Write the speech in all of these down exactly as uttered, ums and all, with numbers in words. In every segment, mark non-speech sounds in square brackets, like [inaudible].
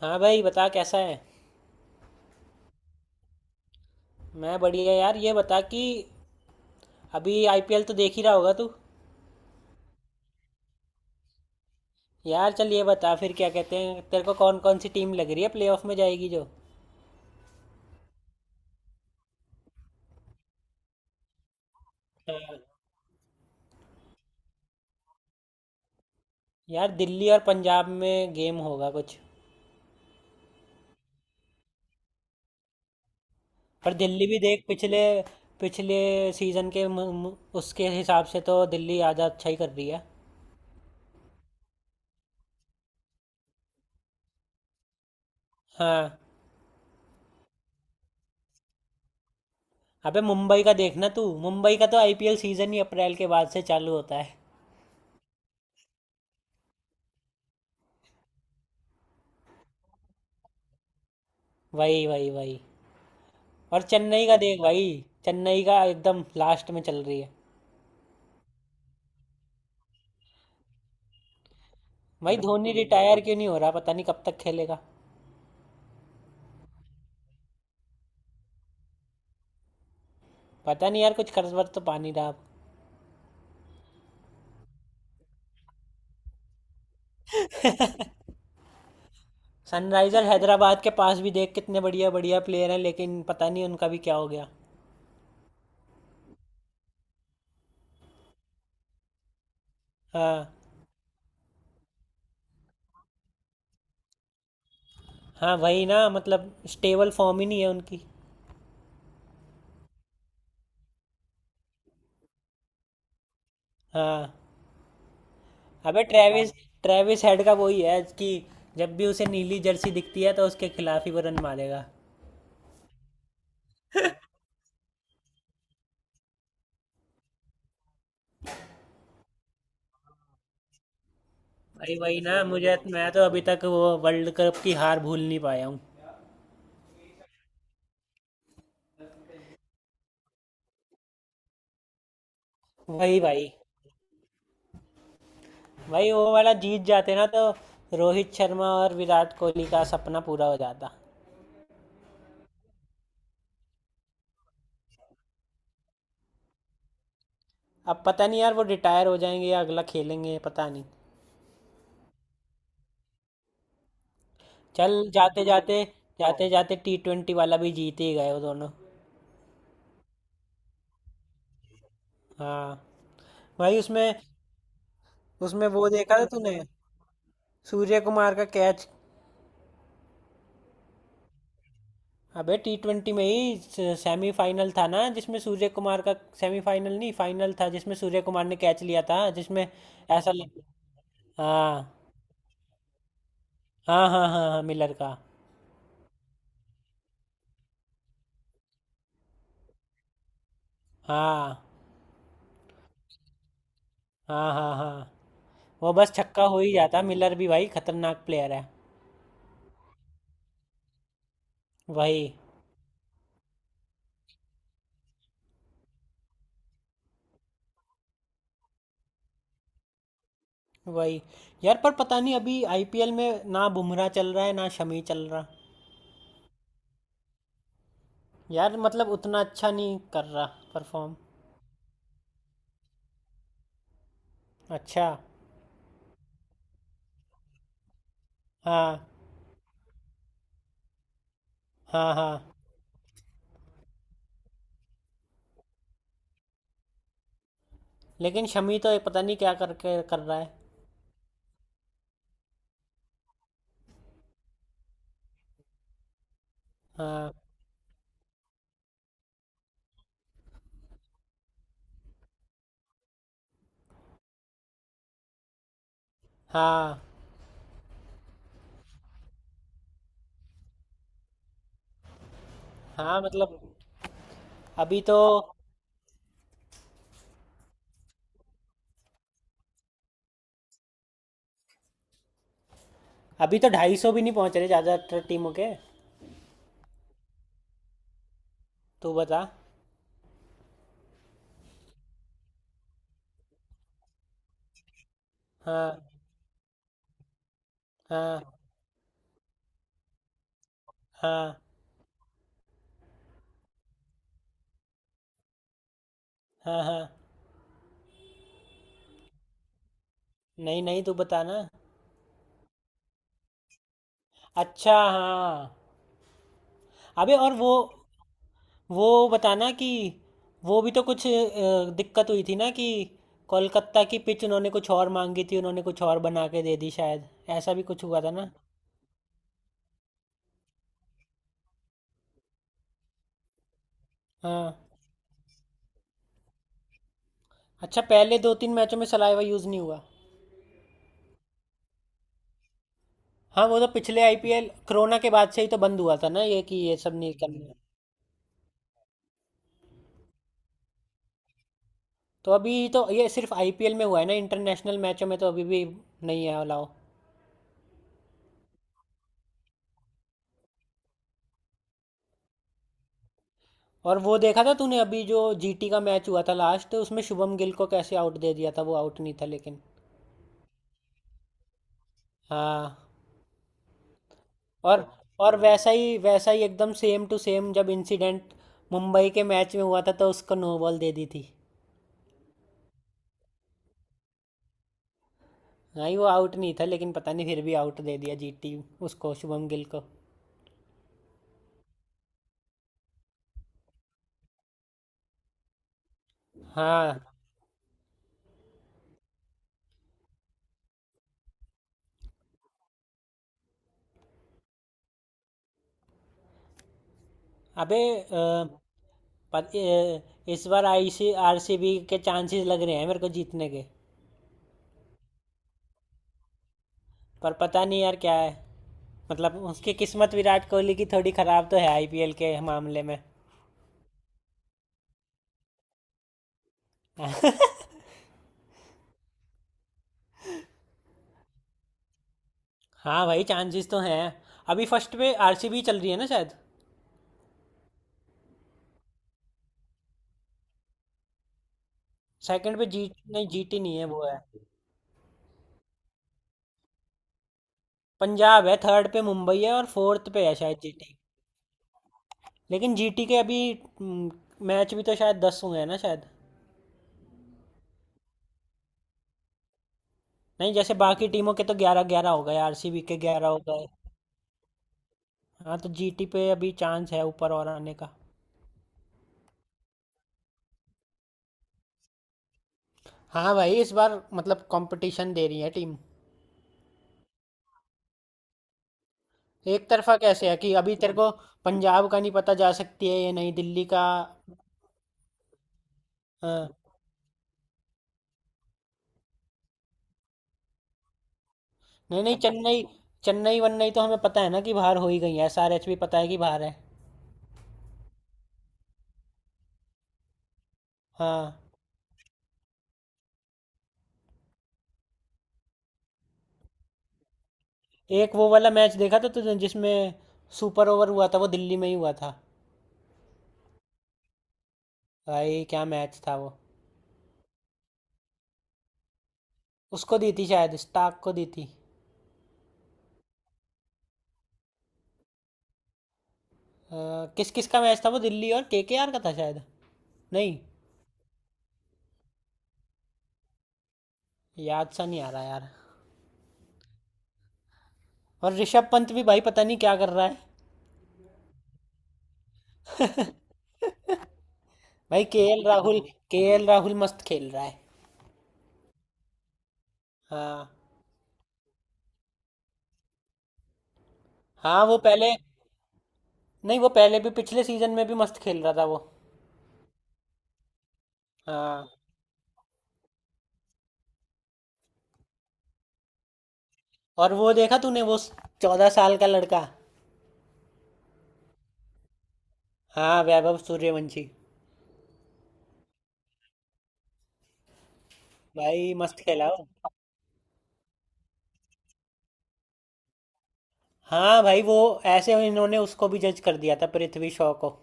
हाँ भाई बता कैसा है। मैं बढ़िया यार, ये बता कि अभी आईपीएल तो देख ही रहा होगा तू। यार चल ये बता फिर, क्या कहते हैं तेरे को, कौन कौन सी टीम लग रही है प्लेऑफ में जाएगी जो। यार दिल्ली और पंजाब में गेम होगा कुछ। पर दिल्ली भी देख पिछले पिछले सीजन के मु- मु- उसके हिसाब से तो दिल्ली आधा अच्छा ही कर रही है। हाँ। अबे मुंबई का देखना तू, मुंबई का तो आईपीएल सीजन ही अप्रैल के बाद से चालू होता है। वही वही वही। और चेन्नई का देख भाई, चेन्नई का एकदम लास्ट में चल रही है। भाई धोनी रिटायर क्यों नहीं हो रहा, पता नहीं कब तक खेलेगा। पता नहीं यार कुछ कर्जवर तो पा नहीं रहा अब। सनराइजर हैदराबाद के पास भी देख कितने बढ़िया बढ़िया प्लेयर हैं, लेकिन पता नहीं उनका भी क्या हो गया। हाँ। हाँ वही ना, मतलब स्टेबल फॉर्म ही नहीं है उनकी। हाँ। अबे ट्रेविस ट्रेविस हेड का वही है कि जब भी उसे नीली जर्सी दिखती है तो उसके खिलाफ ही वो रन मारेगा। भाई वही ना, मुझे, मैं तो अभी तक वो वर्ल्ड कप की हार भूल नहीं पाया हूँ। वही भाई। भाई वो वाला जीत जाते ना तो रोहित शर्मा और विराट कोहली का सपना पूरा हो जाता। अब पता नहीं यार वो रिटायर हो जाएंगे या अगला खेलेंगे, पता नहीं। चल जाते जाते जाते जाते टी ट्वेंटी वाला भी जीत ही गए वो दोनों। हाँ भाई। उसमें उसमें वो देखा था तूने, सूर्य कुमार का कैच। अबे टी ट्वेंटी में ही सेमीफाइनल था ना, जिसमें सूर्य कुमार का, सेमीफाइनल नहीं फाइनल था, जिसमें सूर्य कुमार ने कैच लिया था, जिसमें ऐसा लग। हाँ हाँ हाँ हाँ हाँ, मिलर का। हाँ हाँ हाँ हाँ। वो बस छक्का हो ही जाता, मिलर भी भाई खतरनाक प्लेयर है। वही वही। यार पर पता नहीं अभी आईपीएल में ना बुमराह चल रहा है ना शमी चल रहा। यार मतलब उतना अच्छा नहीं कर रहा परफॉर्म। अच्छा। हाँ हाँ हाँ। लेकिन शमी तो ये पता नहीं क्या करके कर रहा है। हाँ हाँ हाँ मतलब अभी तो। अभी तो ढाई सौ भी नहीं पहुंच रहे ज़्यादातर टीमों के। तू बता। हाँ हाँ हाँ हाँ हाँ। नहीं नहीं तू बता ना। अच्छा हाँ। अबे और वो वो बताना कि वो भी तो कुछ अ, दिक्कत हुई थी ना कि कोलकाता की पिच उन्होंने कुछ और मांगी थी, उन्होंने कुछ और बना के दे दी शायद, ऐसा भी कुछ हुआ था ना। हाँ। अच्छा पहले दो तीन मैचों में सलाइवा यूज़ नहीं हुआ। हाँ वो तो पिछले आईपीएल कोरोना के बाद से ही तो बंद हुआ था ना, ये कि ये सब नहीं करना। तो अभी तो ये सिर्फ आईपीएल में हुआ है ना, इंटरनेशनल मैचों में तो अभी भी नहीं है अलाउ। और वो देखा था तूने अभी जो जीटी का मैच हुआ था लास्ट, उसमें शुभम गिल को कैसे आउट दे दिया था, वो आउट नहीं था लेकिन। हाँ। और और वैसा ही वैसा ही एकदम सेम टू सेम जब इंसिडेंट मुंबई के मैच में हुआ था, तो उसको नो बॉल दे दी थी। हाँ ही, वो आउट नहीं था लेकिन पता नहीं फिर भी आउट दे दिया जीटी उसको, शुभम गिल को। हाँ अबे अ, पत- अ, इस बार आईसी आरसीबी के चांसेस लग रहे हैं मेरे को जीतने के। पर पता नहीं यार क्या है, मतलब उसकी किस्मत, विराट कोहली की थोड़ी ख़राब तो है आईपीएल के मामले में। [laughs] हाँ भाई चांसेस तो हैं। अभी फर्स्ट पे आरसीबी चल रही है ना शायद। सेकंड पे जीट नहीं, जीटी नहीं है, वो है पंजाब। है थर्ड पे मुंबई है और फोर्थ पे है शायद जीटी। लेकिन जीटी के अभी मैच भी तो शायद दस हुए हैं ना शायद। नहीं, जैसे बाकी टीमों के तो ग्यारह ग्यारह हो गए, आरसीबी के ग्यारह हो गए। हाँ, तो जीटी पे अभी चांस है ऊपर और आने का। हाँ भाई इस बार मतलब कंपटीशन दे रही है टीम। एक तरफा कैसे है कि अभी तेरे को पंजाब का नहीं पता, जा सकती है ये, नहीं दिल्ली का। हाँ, नहीं नहीं चेन्नई, चेन्नई वन्नई तो हमें पता है ना कि बाहर हो ही गई है, एसआरएच भी पता है कि बाहर है। हाँ। एक वो वाला मैच देखा था तुझे जिसमें सुपर ओवर हुआ था, वो दिल्ली में ही हुआ था, भाई क्या मैच था वो। उसको दी थी शायद, स्टार्क को दी थी। किस किस का मैच था वो, दिल्ली और केकेआर का था शायद। नहीं, याद सा नहीं आ रहा यार। और ऋषभ पंत भी भाई पता नहीं क्या कर रहा है। भाई केएल राहुल केएल राहुल मस्त खेल रहा है। हाँ। हाँ वो पहले, नहीं वो पहले भी पिछले सीजन में भी मस्त खेल रहा था वो। हाँ और वो देखा तूने वो चौदह साल का लड़का। हाँ वैभव सूर्यवंशी, भाई मस्त खेला वो। हाँ भाई वो ऐसे इन्होंने उसको भी जज कर दिया था, पृथ्वी शॉ को।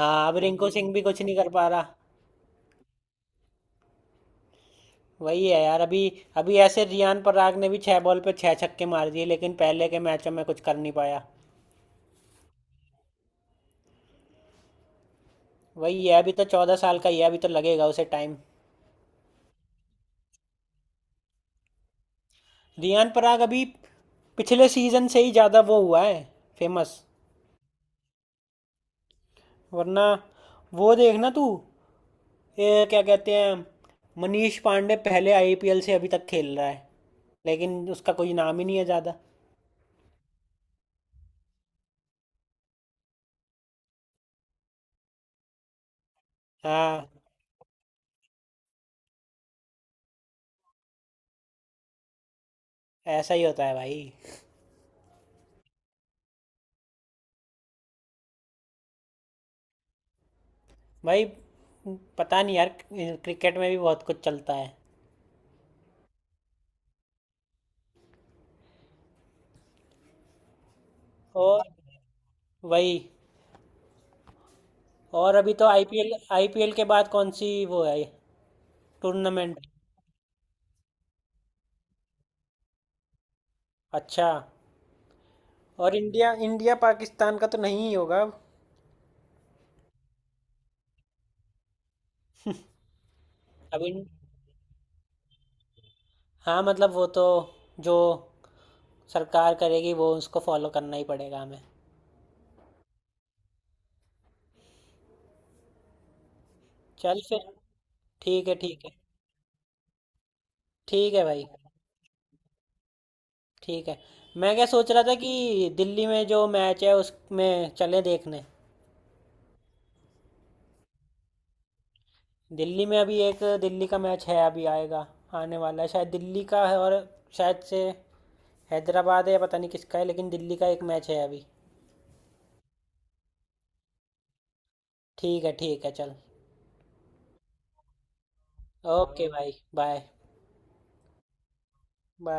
हाँ, अब रिंकू सिंह भी कुछ नहीं कर पा रहा। वही है यार अभी। अभी ऐसे रियान पराग ने भी छह बॉल पे छह छक्के मार दिए, लेकिन पहले के मैचों में कुछ कर नहीं पाया। वही है, अभी तो चौदह साल का ही है, अभी तो लगेगा उसे टाइम। रियान पराग अभी पिछले सीजन से ही ज़्यादा वो हुआ है फेमस। वरना वो देखना तू, ये क्या कहते हैं, मनीष पांडे पहले आईपीएल से अभी तक खेल रहा है, लेकिन उसका कोई नाम ही नहीं है ज़्यादा। हाँ ऐसा ही होता है भाई। भाई पता नहीं यार क्रिकेट में भी बहुत कुछ चलता है। और वही। और अभी तो आईपीएल आईपीएल के बाद कौन सी वो है, टूर्नामेंट। अच्छा। और इंडिया इंडिया पाकिस्तान का तो नहीं ही होगा अब। अब इन, हाँ मतलब वो तो, जो सरकार करेगी वो उसको फॉलो करना ही पड़ेगा हमें। चल फिर। ठीक है ठीक है। ठीक है भाई ठीक है। मैं क्या सोच रहा था कि दिल्ली में जो मैच है उसमें चले देखने। दिल्ली में अभी एक दिल्ली का मैच है अभी आएगा, आने वाला है शायद, दिल्ली का है, और शायद से हैदराबाद है, पता नहीं किसका है, लेकिन दिल्ली का एक मैच है अभी। ठीक है ठीक है चल। ओके भाई बाय। बाय।